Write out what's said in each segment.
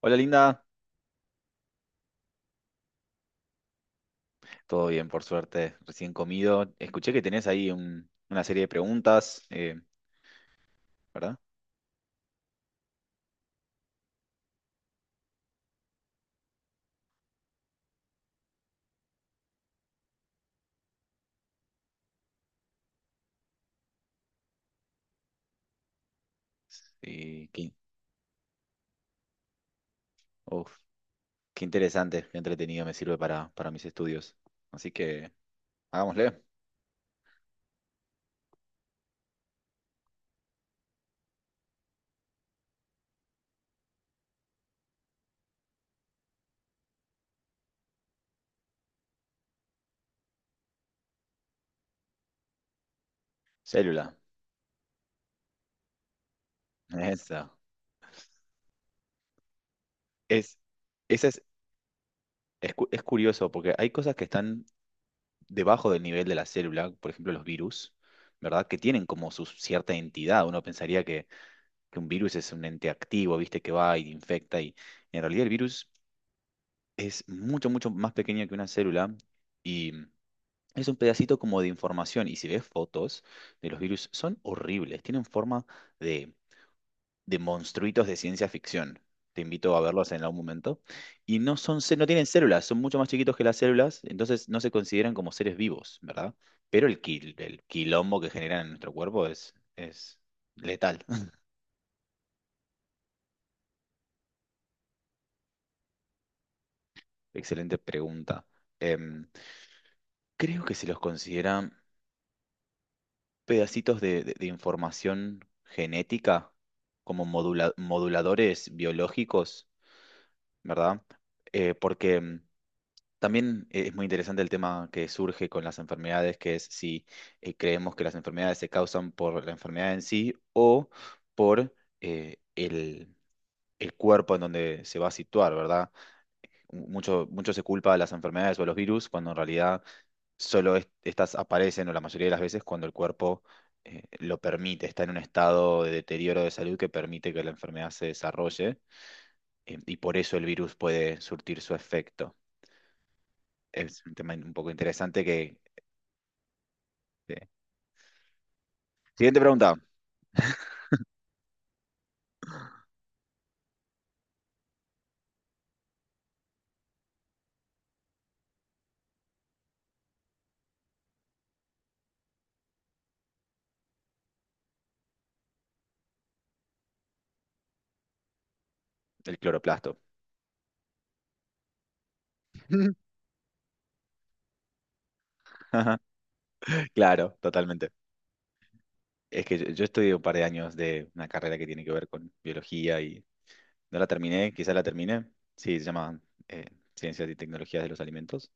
Hola Linda, todo bien por suerte, recién comido. Escuché que tenés ahí una serie de preguntas, ¿verdad? Y qué, uf, qué interesante, qué entretenido me sirve para mis estudios. Así que hagámosle. Célula, esa. Es, esa es, es curioso porque hay cosas que están debajo del nivel de la célula, por ejemplo los virus, ¿verdad? Que tienen como su cierta entidad. Que un virus es un ente activo, ¿viste? Que va y infecta y en realidad el virus es mucho, mucho más pequeña que una célula y es un pedacito como de información. Y si ves fotos de los virus, son horribles, tienen forma de, de monstruitos de ciencia ficción. Te invito a verlos en algún momento. Y no son, no tienen células, son mucho más chiquitos que las células, entonces no se consideran como seres vivos, ¿verdad? Pero el quilombo que generan en nuestro cuerpo es letal. Excelente pregunta. Em, Creo que se los considera pedacitos de información genética como moduladores biológicos, ¿verdad? Porque también es muy interesante el tema que surge con las enfermedades, que es si creemos que las enfermedades se causan por la enfermedad en sí o por eh, el, el cuerpo en donde se va a situar, ¿verdad? Mucho, mucho se culpa a las enfermedades o a los virus cuando en realidad solo estas aparecen, o la mayoría de las veces, cuando el cuerpo lo permite, está en un estado de deterioro de salud que permite que la enfermedad se desarrolle, y por eso el virus puede surtir su efecto. Es un tema un poco interesante que... eh. Siguiente pregunta, el cloroplasto. Claro, totalmente. Es que yo estudié un par de años de una carrera que tiene que ver con biología y no la terminé, quizás la terminé. Sí, se llama eh, Ciencias y Tecnologías de los Alimentos.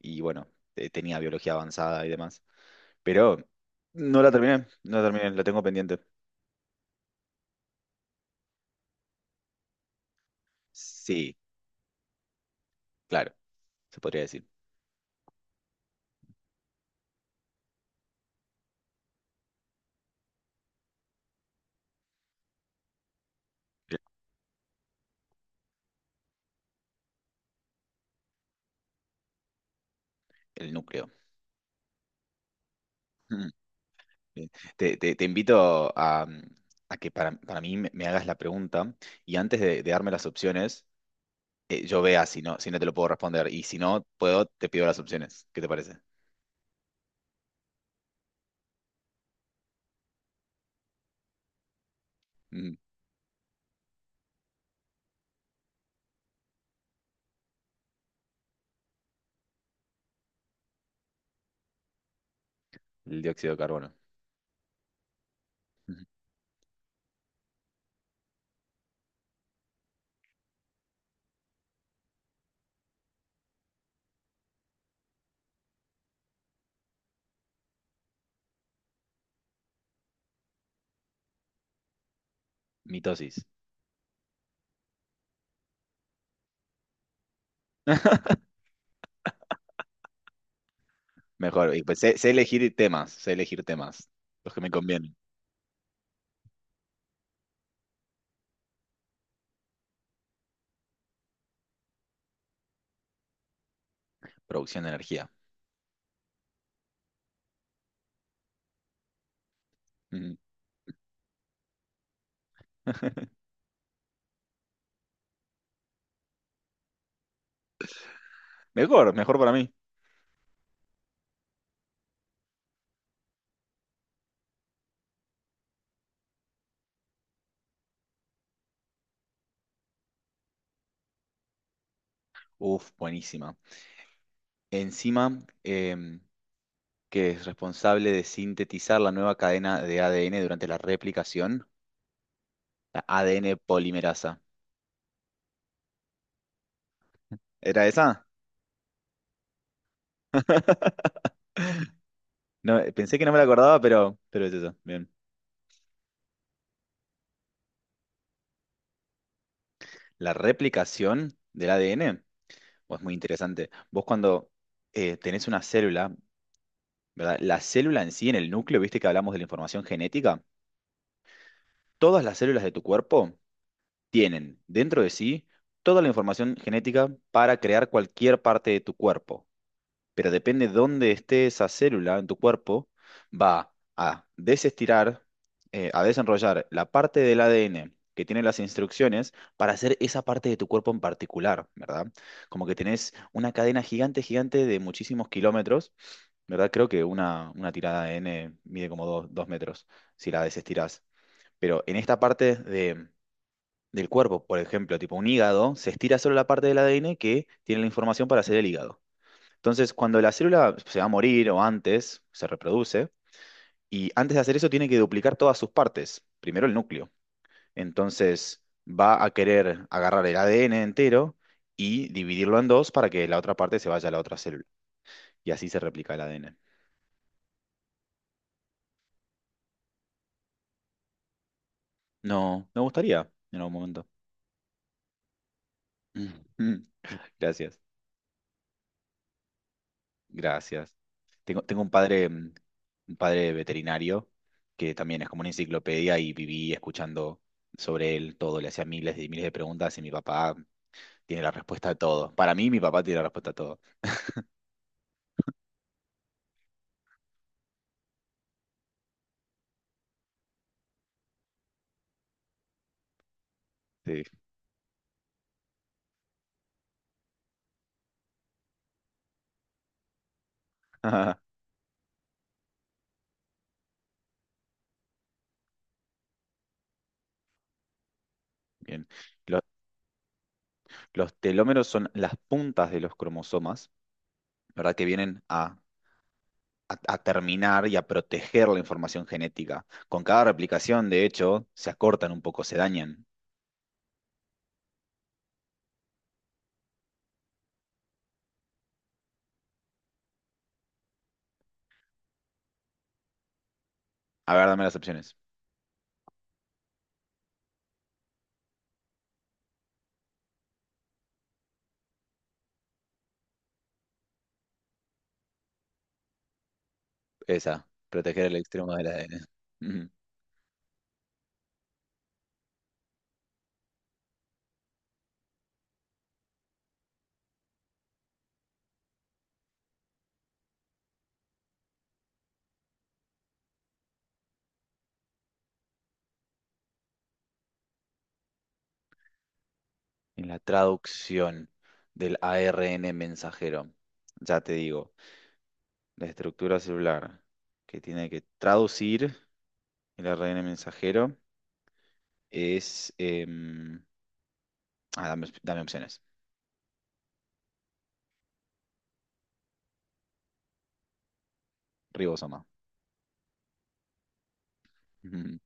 Y bueno, tenía biología avanzada y demás. Pero no la terminé, no la terminé, la tengo pendiente. Sí, claro, se podría decir. El, el núcleo. Mm, bien. Te invito a que para mí me hagas la pregunta y antes de darme las opciones, yo vea si no te lo puedo responder. Y si no puedo, te pido las opciones. ¿Qué te parece? Mm, el dióxido de carbono. Ujú. Mitosis. Mejor. Y pues sé, sé elegir temas, los que me convienen. Producción de energía. Ujú. Mejor, mejor para mí. Uf, buenísima. Enzima que es responsable de sintetizar la nueva cadena de ADN durante la replicación, la ADN polimerasa. ¿Era esa? No, pensé que no me la acordaba, pero es eso. Bien. La replicación del ADN, pues muy interesante. Vos cuando tenés una célula, ¿verdad? La célula en sí, en el núcleo, viste que hablamos de la información genética, todas las células de tu cuerpo tienen dentro de sí toda la información genética para crear cualquier parte de tu cuerpo. Pero depende dónde esté esa célula en tu cuerpo, va a desestirar, a desenrollar la parte del ADN que tiene las instrucciones para hacer esa parte de tu cuerpo en particular, ¿verdad? Como que tenés una cadena gigante, gigante de muchísimos kilómetros, ¿verdad? Creo que una tirada de ADN mide como dos metros si la desestirás. Pero en esta del cuerpo, por ejemplo, tipo un hígado, se estira solo la parte del ADN que tiene la información para hacer el hígado. Entonces, cuando la célula se va a morir o antes, se reproduce, y antes de hacer eso tiene que duplicar todas sus partes, primero el núcleo. Entonces, va a querer agarrar el ADN entero y dividirlo en dos para que la otra parte se vaya a la otra célula. Y así se replica el ADN. No, me gustaría en algún momento. Mm, Gracias, gracias. Tengo un padre, un padre veterinario que también es como una enciclopedia y viví escuchando sobre él todo, le hacía miles y miles de preguntas y mi papá tiene la respuesta a todo. Para mí, mi papá tiene la respuesta a todo. Sí. Bien. Los, los telómeros son las puntas de los cromosomas, ¿verdad? Que vienen a terminar y a proteger la información genética. Con cada replicación, de hecho, se acortan un poco, se dañan. A ver, dame las opciones. Esa, proteger el extremo del ADN. Ujú. En la traducción del ARN mensajero, ya te digo, la estructura celular que tiene que traducir el ARN mensajero. Es. Em, ah, dame, op- Dame opciones. Ribosoma. Ujú,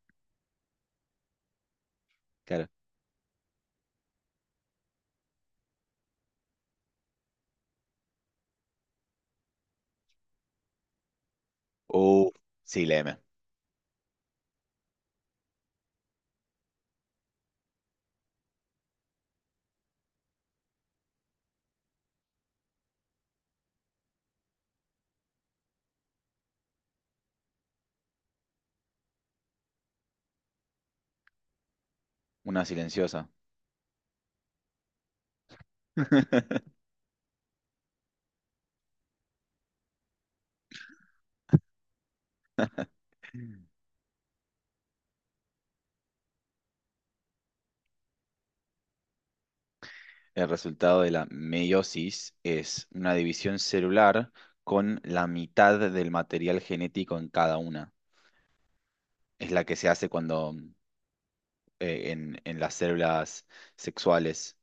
claro. Oh, sí, la M. Una silenciosa. El resultado de la meiosis es una división celular con la mitad del material genético en cada una. Es la que se hace cuando en las células sexuales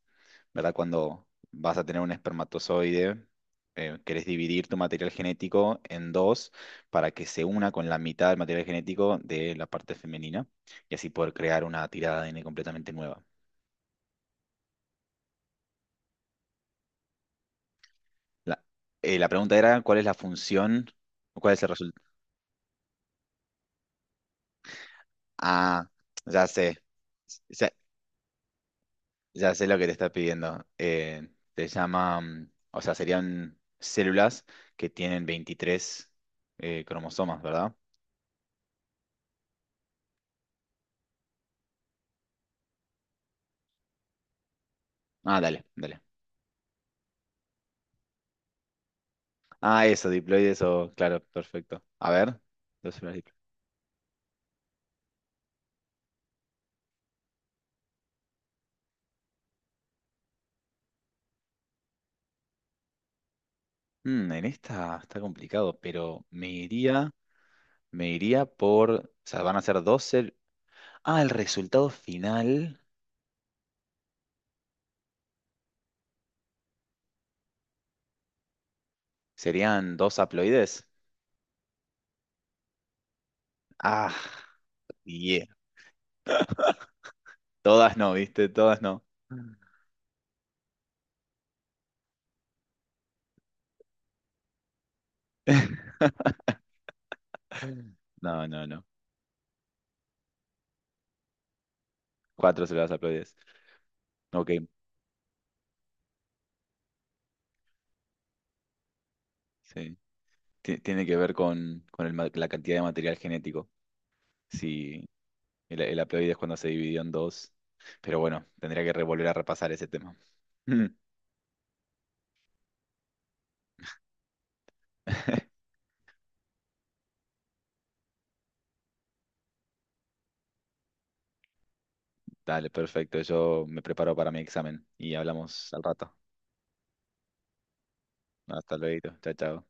¿verdad? Cuando vas a tener un espermatozoide, querés dividir tu material genético en dos para que se una con la mitad del material genético de la parte femenina y así poder crear una tirada de ADN completamente nueva. La, la pregunta era, ¿cuál es la función? ¿Cuál es el resultado? Ah, ya sé. Ya, ya sé lo que te está pidiendo. Te llama, o sea, serían células que tienen 23 cromosomas, ¿verdad? Ah, dale, dale. Ah, eso, diploides o... Claro, perfecto. A ver. Dos células mm, en esta está complicado, pero me iría por... O sea, van a ser Ah, el resultado final serían dos haploides. Ah, yeah. Todas no, ¿viste? Todas no. No, no, no. Cuatro células haploides. Ok, sí. Tiene que ver con el la cantidad de material genético. Si, el haploide es cuando se dividió en dos. Pero bueno, tendría que revolver a repasar ese tema. Mm. Dale, perfecto. Yo me preparo para mi examen y hablamos al rato. Hasta luego. Chao, chao.